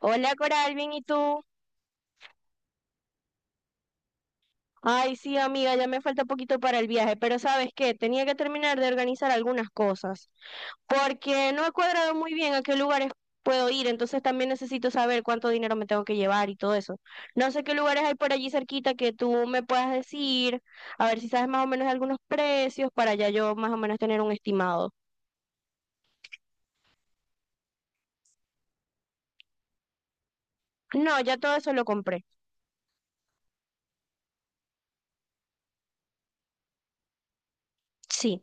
Hola Coral, bien, ¿y tú? Ay, sí, amiga, ya me falta poquito para el viaje, pero ¿sabes qué? Tenía que terminar de organizar algunas cosas, porque no he cuadrado muy bien a qué lugares puedo ir, entonces también necesito saber cuánto dinero me tengo que llevar y todo eso. No sé qué lugares hay por allí cerquita que tú me puedas decir, a ver si sabes más o menos algunos precios para ya yo más o menos tener un estimado. No, ya todo eso lo compré. Sí.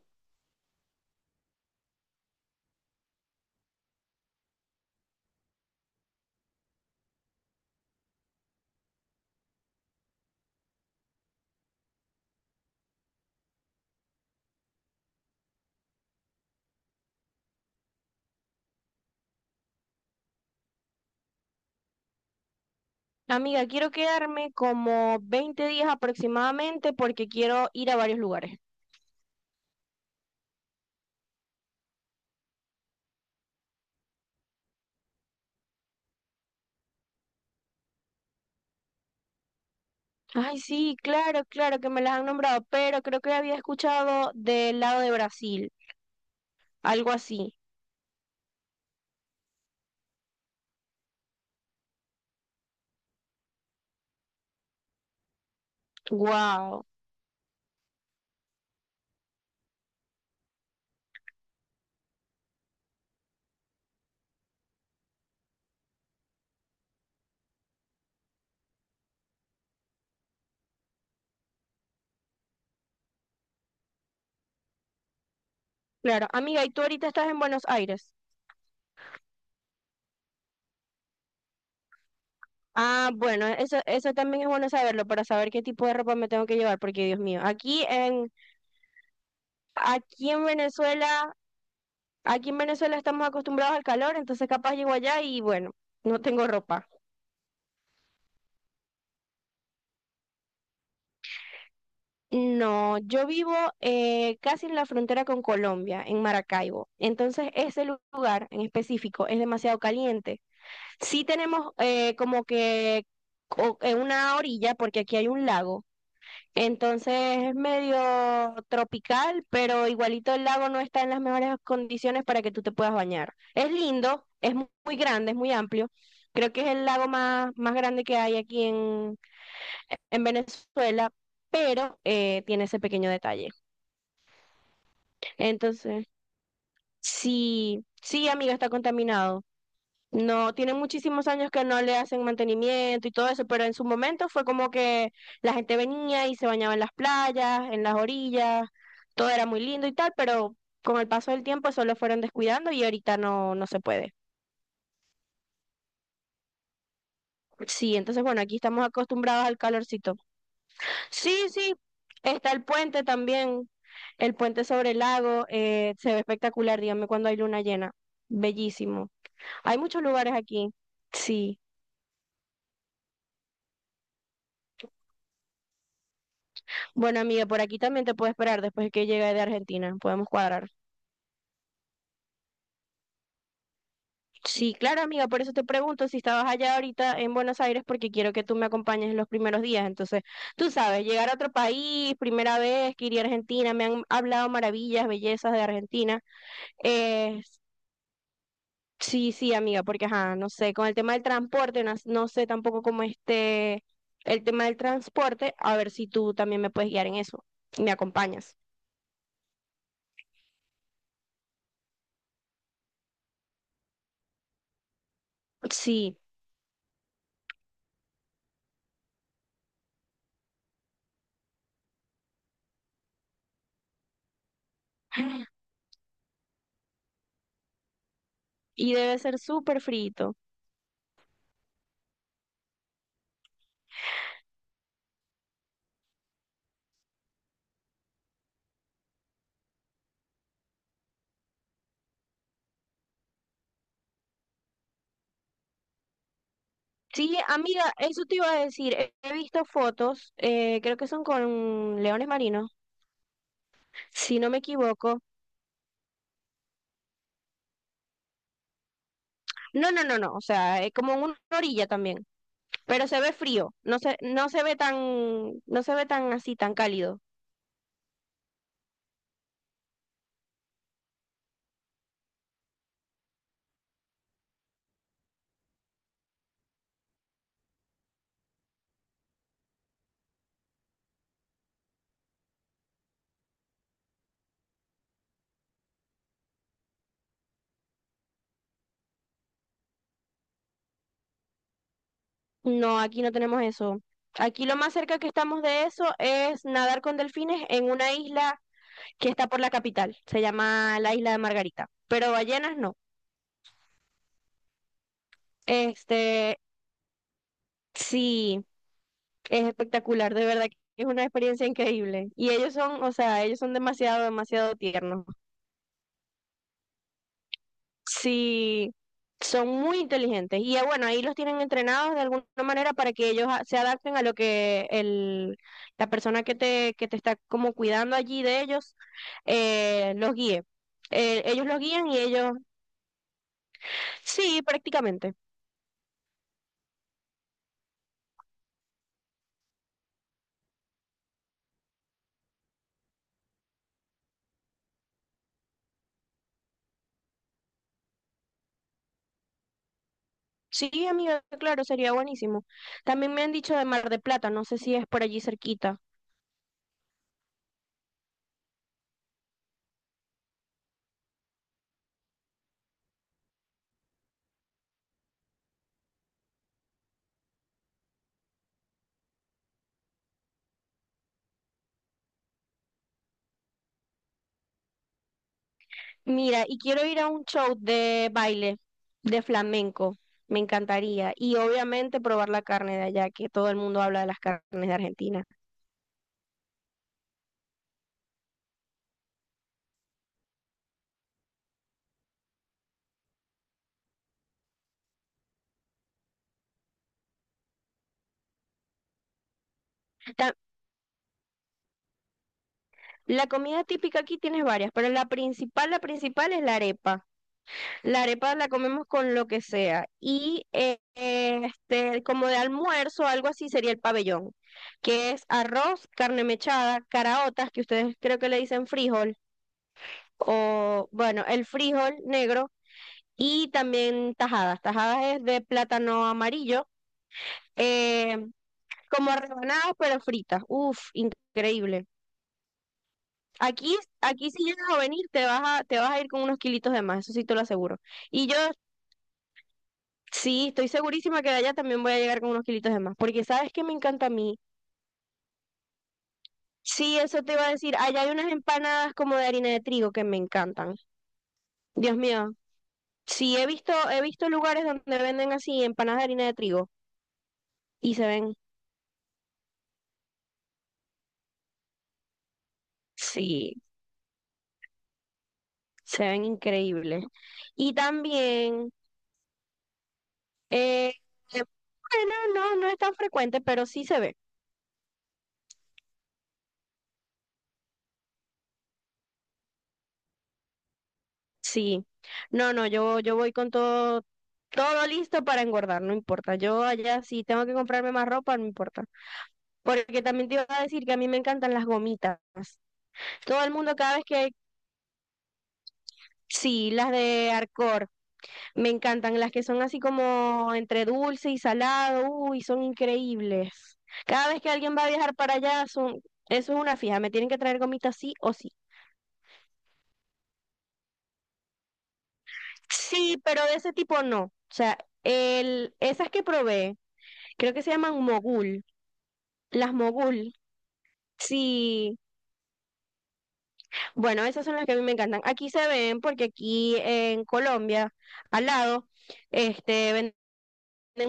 Amiga, quiero quedarme como 20 días aproximadamente porque quiero ir a varios lugares. Ay, sí, claro, claro que me las han nombrado, pero creo que había escuchado del lado de Brasil, algo así. Wow. Claro, amiga, ¿y tú ahorita estás en Buenos Aires? Ah, bueno, eso también es bueno saberlo para saber qué tipo de ropa me tengo que llevar, porque Dios mío, aquí en Venezuela, aquí en Venezuela estamos acostumbrados al calor, entonces capaz llego allá y bueno, no tengo ropa. No, yo vivo casi en la frontera con Colombia, en Maracaibo. Entonces, ese lugar en específico es demasiado caliente. Sí tenemos como que una orilla, porque aquí hay un lago. Entonces, es medio tropical, pero igualito el lago no está en las mejores condiciones para que tú te puedas bañar. Es lindo, es muy grande, es muy amplio. Creo que es el lago más grande que hay aquí en Venezuela, pero tiene ese pequeño detalle. Entonces, sí, amiga, está contaminado. No, tiene muchísimos años que no le hacen mantenimiento y todo eso, pero en su momento fue como que la gente venía y se bañaba en las playas, en las orillas, todo era muy lindo y tal, pero con el paso del tiempo solo fueron descuidando y ahorita no, no se puede. Sí, entonces bueno, aquí estamos acostumbrados al calorcito. Sí, sí, está el puente también, el puente sobre el lago, se ve espectacular, dígame cuando hay luna llena, bellísimo. Hay muchos lugares aquí. Sí. Bueno, amiga, por aquí también te puedo esperar después que llegue de Argentina. Podemos cuadrar. Sí, claro, amiga, por eso te pregunto si estabas allá ahorita en Buenos Aires, porque quiero que tú me acompañes en los primeros días. Entonces, tú sabes, llegar a otro país, primera vez que iría a Argentina, me han hablado maravillas, bellezas de Argentina. Eh, sí, sí, amiga, porque, ajá, no sé, con el tema del transporte, no, no sé tampoco cómo esté el tema del transporte, a ver si tú también me puedes guiar en eso, me acompañas. Sí. Y debe ser súper frito. Sí, amiga, eso te iba a decir. He visto fotos, creo que son con leones marinos, si no me equivoco. No, no, no, no, o sea, es como en una orilla también, pero se ve frío, no se ve tan, no se ve tan así, tan cálido. No, aquí no tenemos eso. Aquí lo más cerca que estamos de eso es nadar con delfines en una isla que está por la capital, se llama la isla de Margarita, pero ballenas no. Este, sí. Es espectacular, de verdad que es una experiencia increíble. Y ellos son, o sea, ellos son demasiado, demasiado tiernos. Sí, son muy inteligentes. Y bueno, ahí los tienen entrenados de alguna manera para que ellos se adapten a lo que la persona que te está como cuidando allí de ellos los guíe. Ellos los guían y ellos, sí, prácticamente. Sí, amiga, claro, sería buenísimo. También me han dicho de Mar de Plata, no sé si es por allí cerquita. Mira, y quiero ir a un show de baile, de flamenco, me encantaría. Y obviamente probar la carne de allá, que todo el mundo habla de las carnes de Argentina. Ta- La comida típica aquí tienes varias, pero la principal es la arepa. La arepa la comemos con lo que sea. Y este, como de almuerzo, algo así sería el pabellón, que es arroz, carne mechada, caraotas, que ustedes creo que le dicen frijol, o bueno, el frijol negro y también tajadas. Tajadas es de plátano amarillo, eh, como rebanadas pero fritas. Uf, increíble. Aquí si llegas a venir te vas a ir con unos kilitos de más, eso sí te lo aseguro. Y yo sí, estoy segurísima que de allá también voy a llegar con unos kilitos de más, porque sabes que me encanta a mí. Sí, eso te iba a decir. Allá hay unas empanadas como de harina de trigo que me encantan. Dios mío. Sí, he visto lugares donde venden así empanadas de harina de trigo y se ven. Sí, se ven increíbles. Y también, eh, eh, bueno, no, no es tan frecuente, pero sí se ve. Sí. No, yo voy con todo, todo listo para engordar, no importa. Yo allá sí tengo que comprarme más ropa, no importa. Porque también te iba a decir que a mí me encantan las gomitas. Todo el mundo cada vez que, sí, las de Arcor. Me encantan las que son así como entre dulce y salado, uy, son increíbles. Cada vez que alguien va a viajar para allá, son, eso es una fija, me tienen que traer gomitas sí o sí. Sí, pero de ese tipo no. O sea, esas que probé, creo que se llaman mogul, las mogul. Sí, bueno, esas son las que a mí me encantan. Aquí se ven porque aquí en Colombia, al lado, este, venden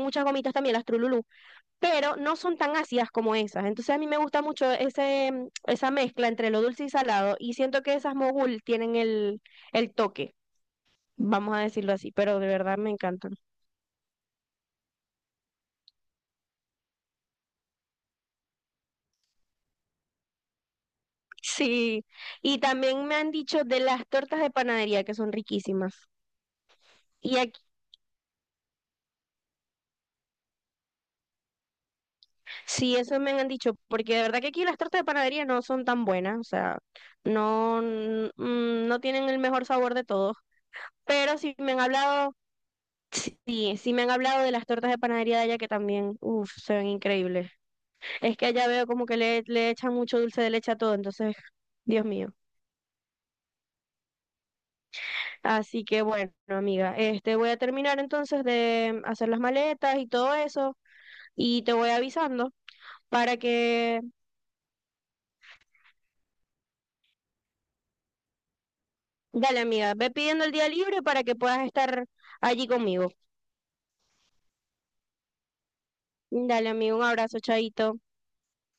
muchas gomitas también, las Trululú, pero no son tan ácidas como esas. Entonces a mí me gusta mucho esa mezcla entre lo dulce y salado y siento que esas mogul tienen el toque, vamos a decirlo así, pero de verdad me encantan. Sí, y también me han dicho de las tortas de panadería que son riquísimas. Y aquí, sí, eso me han dicho, porque de verdad que aquí las tortas de panadería no son tan buenas, o sea, no, mm, no tienen el mejor sabor de todos, pero sí me han hablado. Sí, sí me han hablado de las tortas de panadería de allá que también, uff, se ven increíbles. Es que allá veo como que le echan mucho dulce de leche a todo, entonces, Dios mío. Así que bueno, amiga, este voy a terminar entonces de hacer las maletas y todo eso y te voy avisando para que, dale amiga, ve pidiendo el día libre para que puedas estar allí conmigo. Dale amigo, un abrazo, chaito.